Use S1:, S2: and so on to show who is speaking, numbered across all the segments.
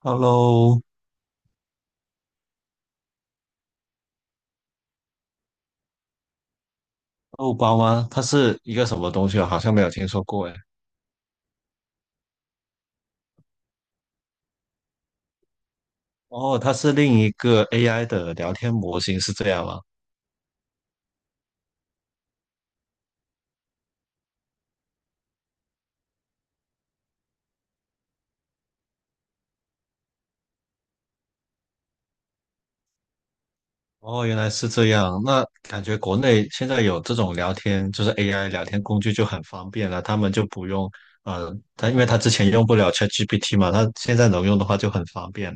S1: Hello，奥巴马，它是一个什么东西啊？好像没有听说过哎。哦，它是另一个 AI 的聊天模型，是这样吗？哦，原来是这样。那感觉国内现在有这种聊天，就是 AI 聊天工具就很方便了，他们就不用，他因为他之前用不了 ChatGPT 嘛，他现在能用的话就很方便。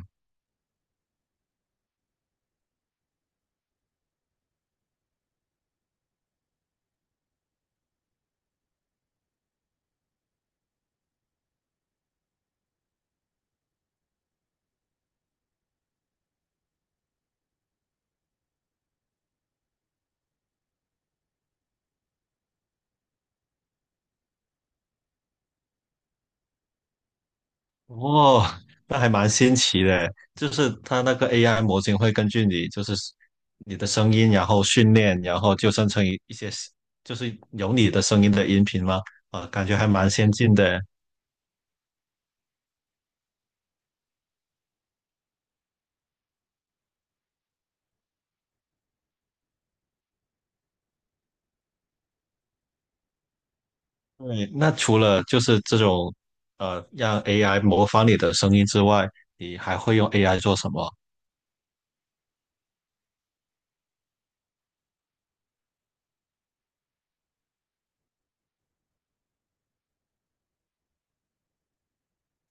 S1: 哦，那还蛮新奇的，就是它那个 AI 模型会根据你，就是你的声音，然后训练，然后就生成一些，就是有你的声音的音频吗？啊，感觉还蛮先进的。对，那除了就是这种让 AI 模仿你的声音之外，你还会用 AI 做什么？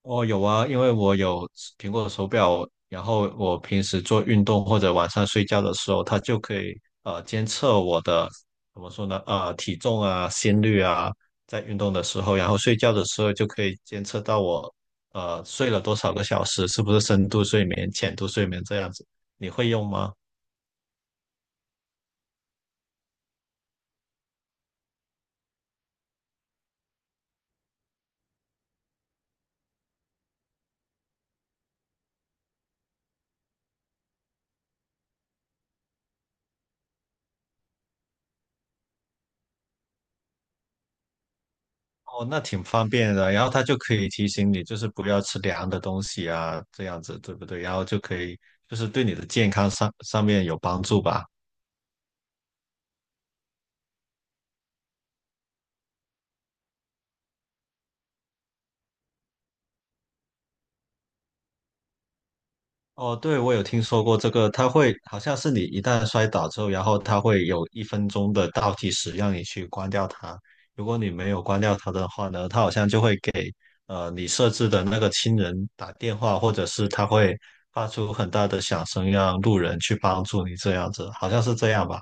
S1: 哦，有啊，因为我有苹果手表，然后我平时做运动或者晚上睡觉的时候，它就可以监测我的，怎么说呢？体重啊、心率啊，在运动的时候，然后睡觉的时候就可以监测到我睡了多少个小时，是不是深度睡眠、浅度睡眠这样子。你会用吗？哦，那挺方便的。然后它就可以提醒你，就是不要吃凉的东西啊，这样子对不对？然后就可以就是对你的健康上面有帮助吧。哦，对，我有听说过这个，它会好像是你一旦摔倒之后，然后它会有一分钟的倒计时让你去关掉它。如果你没有关掉它的话呢，它好像就会给你设置的那个亲人打电话，或者是它会发出很大的响声，让路人去帮助你这样子，好像是这样吧？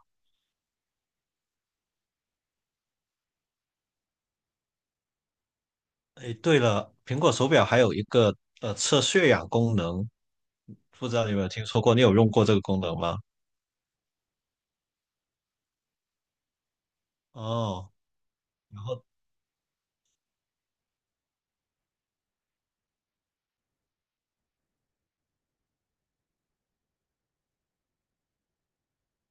S1: 诶，对了，苹果手表还有一个测血氧功能，不知道你有没有听说过？你有用过这个功能吗？哦。然后。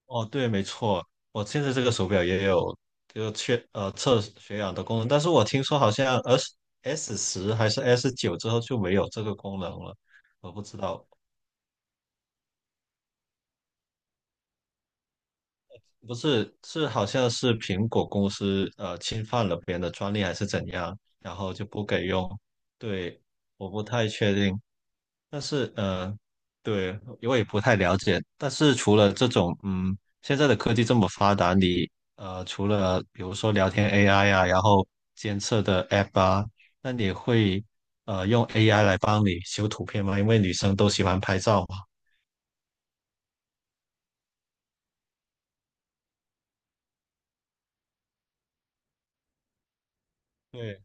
S1: 哦，对，没错，我现在这个手表也有，测血氧的功能，但是我听说好像 S 十还是 S 九之后就没有这个功能了，我不知道，不是好像是苹果公司侵犯了别人的专利还是怎样，然后就不给用，对，我不太确定。但是对，我也不太了解。但是除了这种，现在的科技这么发达，你除了比如说聊天 AI 啊，然后监测的 App 啊，那你会用 AI 来帮你修图片吗？因为女生都喜欢拍照嘛。对，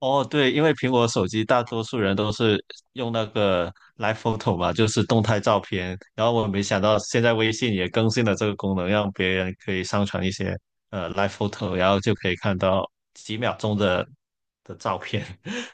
S1: 哦，对，因为苹果手机大多数人都是用那个 Live Photo 嘛，就是动态照片。然后我没想到现在微信也更新了这个功能，让别人可以上传一些Live Photo，然后就可以看到几秒钟的照片。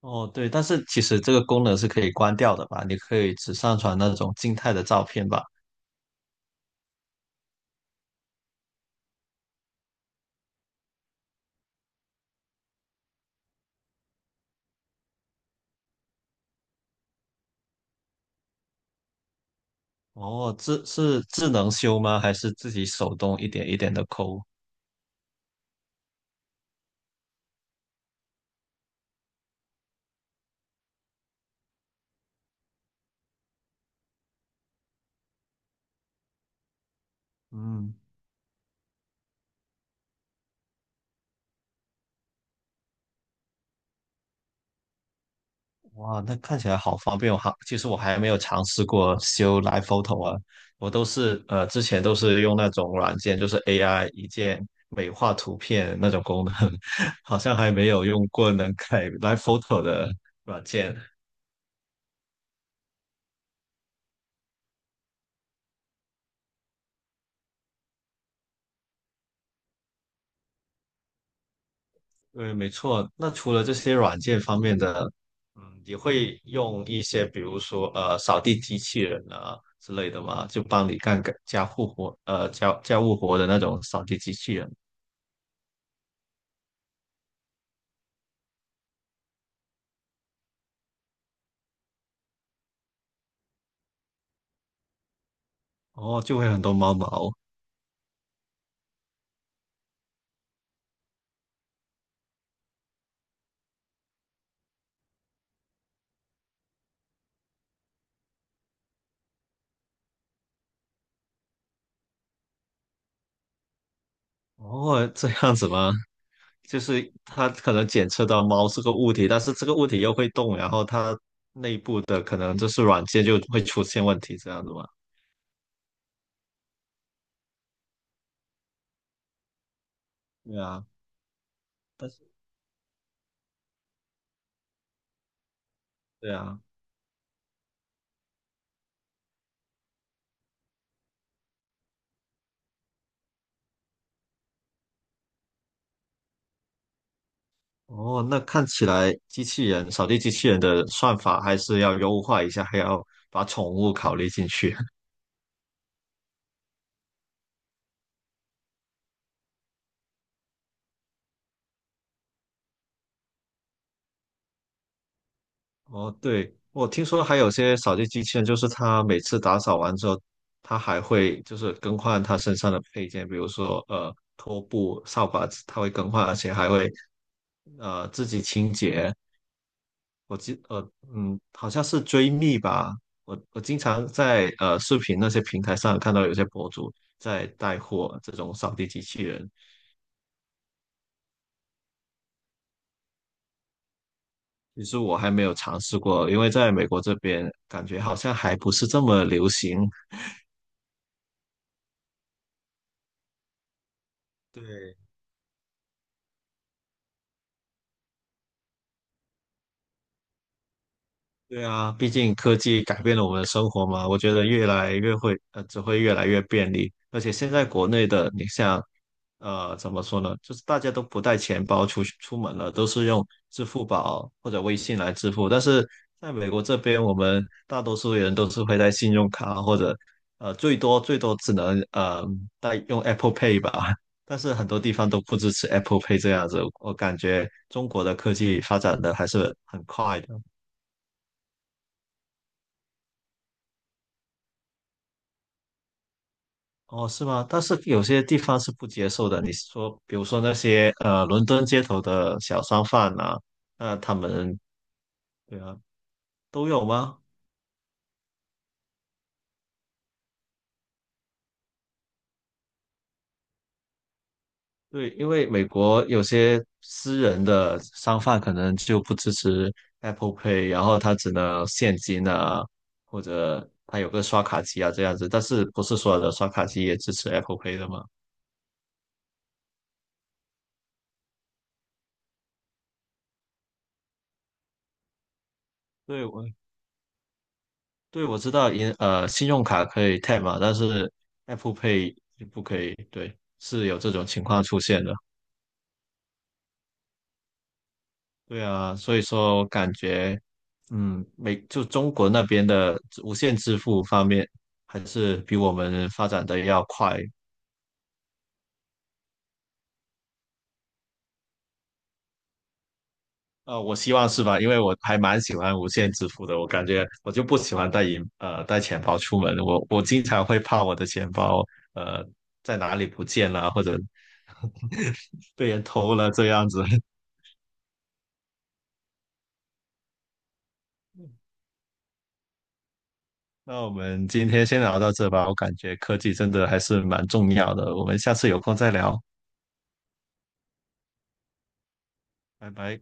S1: 哦，对，但是其实这个功能是可以关掉的吧？你可以只上传那种静态的照片吧？哦，智能修吗？还是自己手动一点一点的抠？嗯。哇，那看起来好方便哦！哈，其实我还没有尝试过修 Live Photo 啊，我都是之前都是用那种软件，就是 AI 一键美化图片那种功能，好像还没有用过能改 Live Photo 的软件。对，没错。那除了这些软件方面的，你会用一些比如说扫地机器人啊之类的吗？就帮你干个家务活，家务活的那种扫地机器人，哦，就会很多猫毛。哦，这样子吗？就是它可能检测到猫是个物体，但是这个物体又会动，然后它的可能就是软件就会出现问题，这样子吗？对啊，但是对啊，哦，那看起来机器人扫地机器人的算法还是要优化一下，还要把宠物考虑进去。哦，对，我听说还有些扫地机器人，就是它每次打扫完之后，它还会就是更换它身上的配件，比如说拖布、扫把子它会更换，而且还会自己清洁。我记呃嗯，好像是追觅吧，我经常在视频那些平台上看到有些博主在带货这种扫地机器人，其实我还没有尝试过，因为在美国这边感觉好像还不是这么流行。对，对啊，毕竟科技改变了我们的生活嘛，我觉得越来越会，只会越来越便利。而且现在国内的，你像，怎么说呢，就是大家都不带钱包出门了，都是用支付宝或者微信来支付。但是在美国这边，我们大多数人都是会带信用卡或者，最多最多只能用 Apple Pay 吧。但是很多地方都不支持 Apple Pay 这样子，我感觉中国的科技发展的还是很快的。哦，是吗？但是有些地方是不接受的。你是说，比如说那些伦敦街头的小商贩呐，那他们对啊，都有吗？对，因为美国有些私人的商贩可能就不支持 Apple Pay，然后他只能现金啊，或者他有个刷卡机啊这样子，但是不是所有的刷卡机也支持 Apple Pay 的吗？对，我。对，我知道信用卡可以 tap 嘛，但是 Apple Pay 就不可以，对，是有这种情况出现的。对啊，所以说我感觉，就中国那边的无线支付方面，还是比我们发展的要快。我希望是吧？因为我还蛮喜欢无线支付的，我感觉我就不喜欢带钱包出门，我经常会怕我的钱包呃在哪里不见了，或者 被人偷了这样子。那我们今天先聊到这吧，我感觉科技真的还是蛮重要的，我们下次有空再聊，拜拜。